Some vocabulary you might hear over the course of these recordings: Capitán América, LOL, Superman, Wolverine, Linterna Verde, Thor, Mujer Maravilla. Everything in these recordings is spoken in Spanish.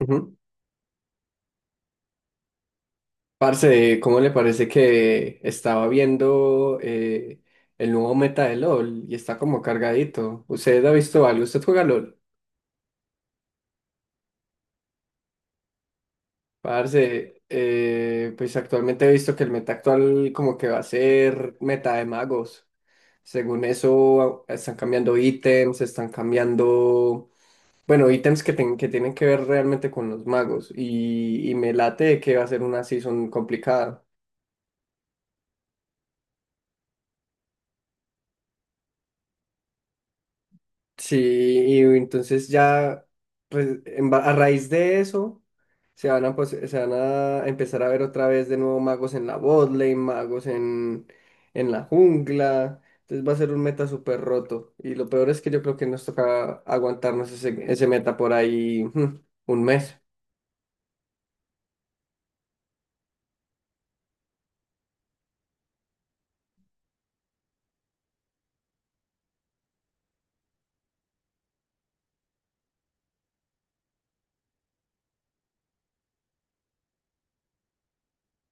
Ujú. Parce, ¿cómo le parece que estaba viendo el nuevo meta de LOL y está como cargadito? ¿Usted ha visto algo? ¿Usted juega LOL? Parce, pues actualmente he visto que el meta actual como que va a ser meta de magos. Según eso, están cambiando ítems, están cambiando, bueno, ítems que tienen que ver realmente con los magos y me late que va a ser una season complicada. Sí, y entonces ya, pues a raíz de eso, se van a empezar a ver otra vez de nuevo magos en la botlane, en la jungla. Entonces va a ser un meta súper roto. Y lo peor es que yo creo que nos toca aguantarnos ese meta por ahí un mes.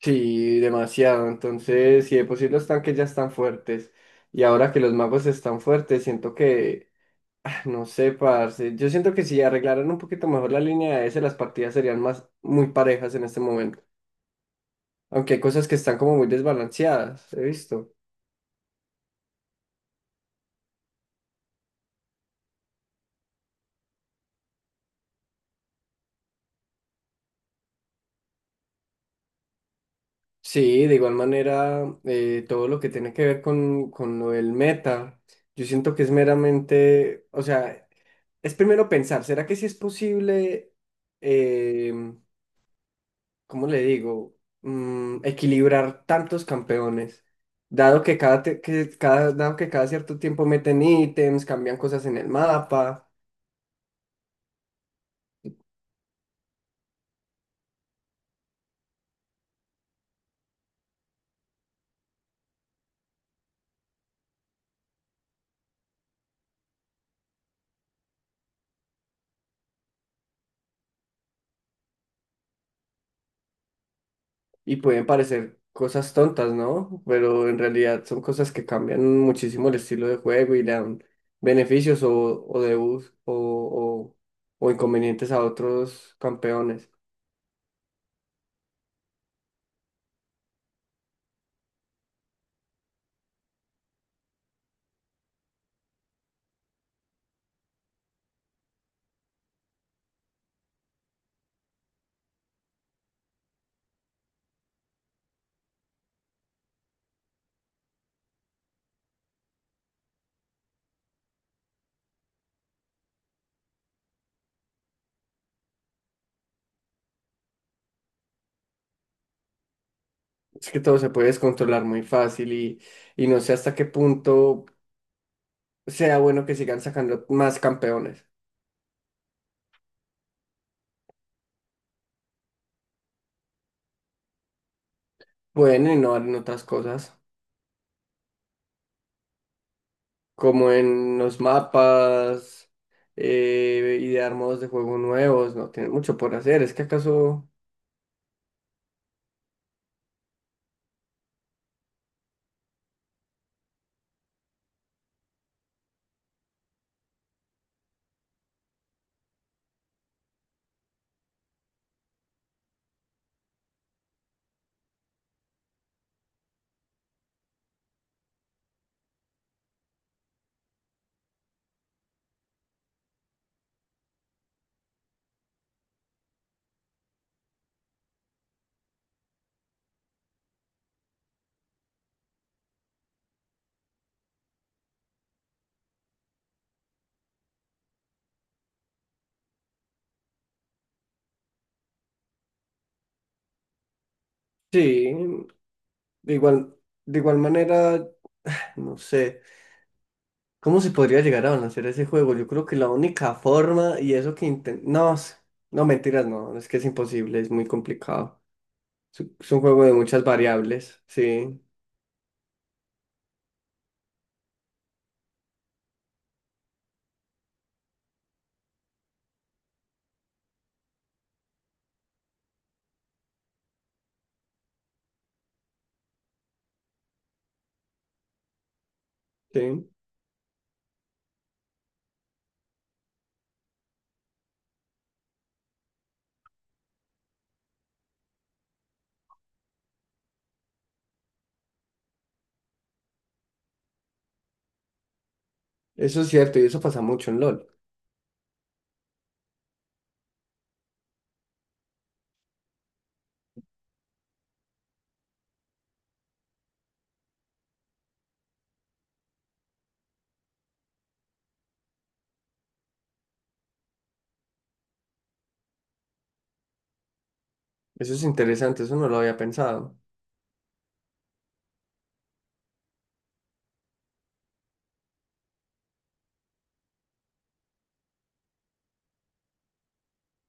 Sí, demasiado. Entonces, si de por sí los tanques ya están fuertes y ahora que los magos están fuertes, siento que no sé, parce. Yo siento que si arreglaran un poquito mejor la línea de ese, las partidas serían más muy parejas en este momento. Aunque hay cosas que están como muy desbalanceadas, he visto. Sí, de igual manera, todo lo que tiene que ver con lo del meta, yo siento que es meramente, o sea, es primero pensar, ¿será que sí es posible? em, ¿Cómo le digo? Equilibrar tantos campeones. Dado que cada, te- que cada, dado que cada cierto tiempo meten ítems, cambian cosas en el mapa y pueden parecer cosas tontas, ¿no? Pero en realidad son cosas que cambian muchísimo el estilo de juego y le dan beneficios o debuffs o inconvenientes a otros campeones. Es que todo se puede descontrolar muy fácil y no sé hasta qué punto sea bueno que sigan sacando más campeones. Bueno, y no en otras cosas, como en los mapas, idear modos de juego nuevos, no tienen mucho por hacer. Es que acaso, sí, de igual, de igual manera, no sé, ¿cómo se podría llegar a balancear ese juego? Yo creo que la única forma, y eso que intentamos, mentiras, no, es que es imposible, es muy complicado. Es un juego de muchas variables, sí. Eso es cierto, y eso pasa mucho en LOL. Eso es interesante, eso no lo había pensado.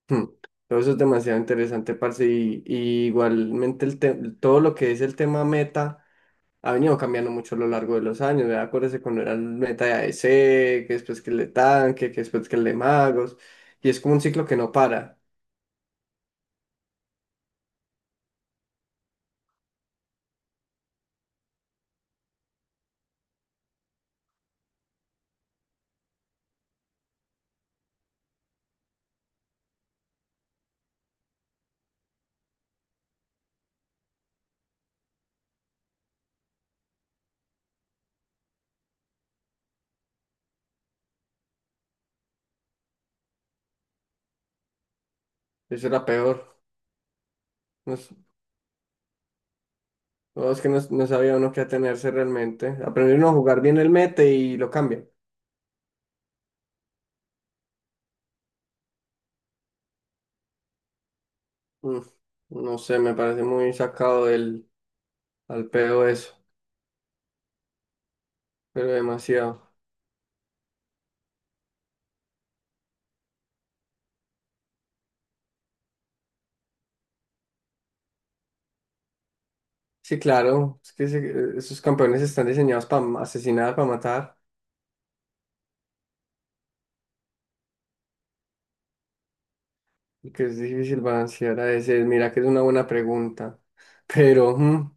Hmm. Todo eso es demasiado interesante, parce, todo lo que es el tema meta ha venido cambiando mucho a lo largo de los años, ¿verdad? Acuérdese cuando era el meta de ADC que después que el de tanque, que después que el de magos, y es como un ciclo que no para, eso era peor, no, es no, es que no, no sabía uno qué atenerse realmente, aprender uno a jugar bien el meta y lo cambia, Mm, no sé, me parece muy sacado del al pedo eso, pero demasiado. Sí, claro, es que esos campeones están diseñados para asesinar, para matar, y que es difícil balancear a veces. Mira que es una buena pregunta, pero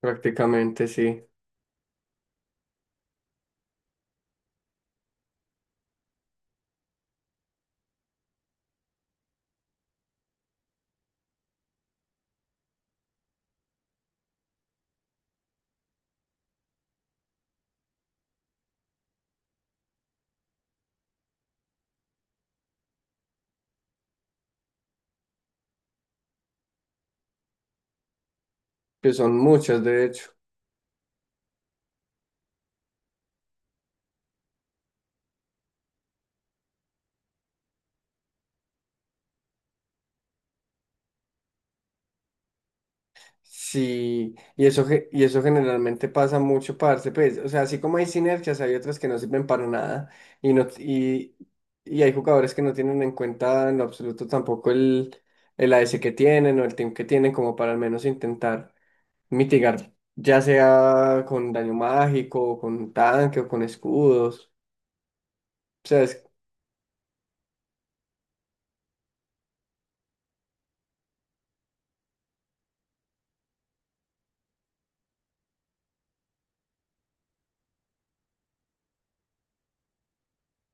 prácticamente sí, que son muchas de hecho. Sí, y eso generalmente pasa mucho, parce, pues, o sea, así como hay sinergias, hay otras que no sirven para nada, y, no, y, y hay jugadores que no tienen en cuenta en lo absoluto tampoco el AS que tienen o el team que tienen como para al menos intentar mitigar, ya sea con daño mágico, con tanque o con escudos. O sea, es-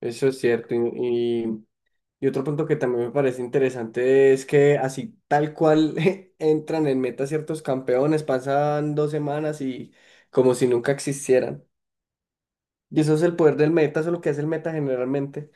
eso es cierto. Y- y otro punto que también me parece interesante es que así tal cual entran en meta ciertos campeones, pasan dos semanas y como si nunca existieran. Y eso es el poder del meta, eso es lo que hace el meta generalmente.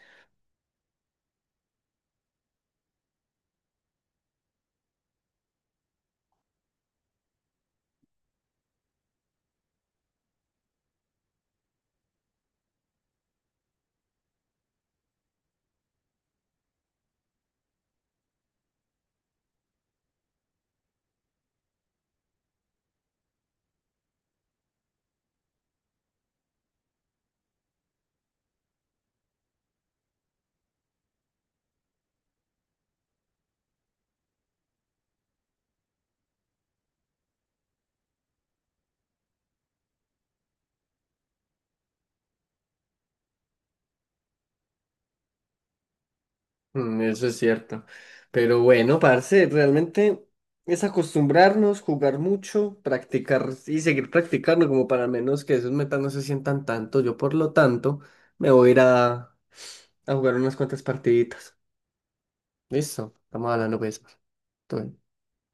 Eso es cierto. Pero bueno, parce, realmente es acostumbrarnos, jugar mucho, practicar y seguir practicando como para menos que esos metas no se sientan tanto. Yo, por lo tanto, me voy a a jugar unas cuantas partiditas. Listo, estamos hablando pues. Todo bien.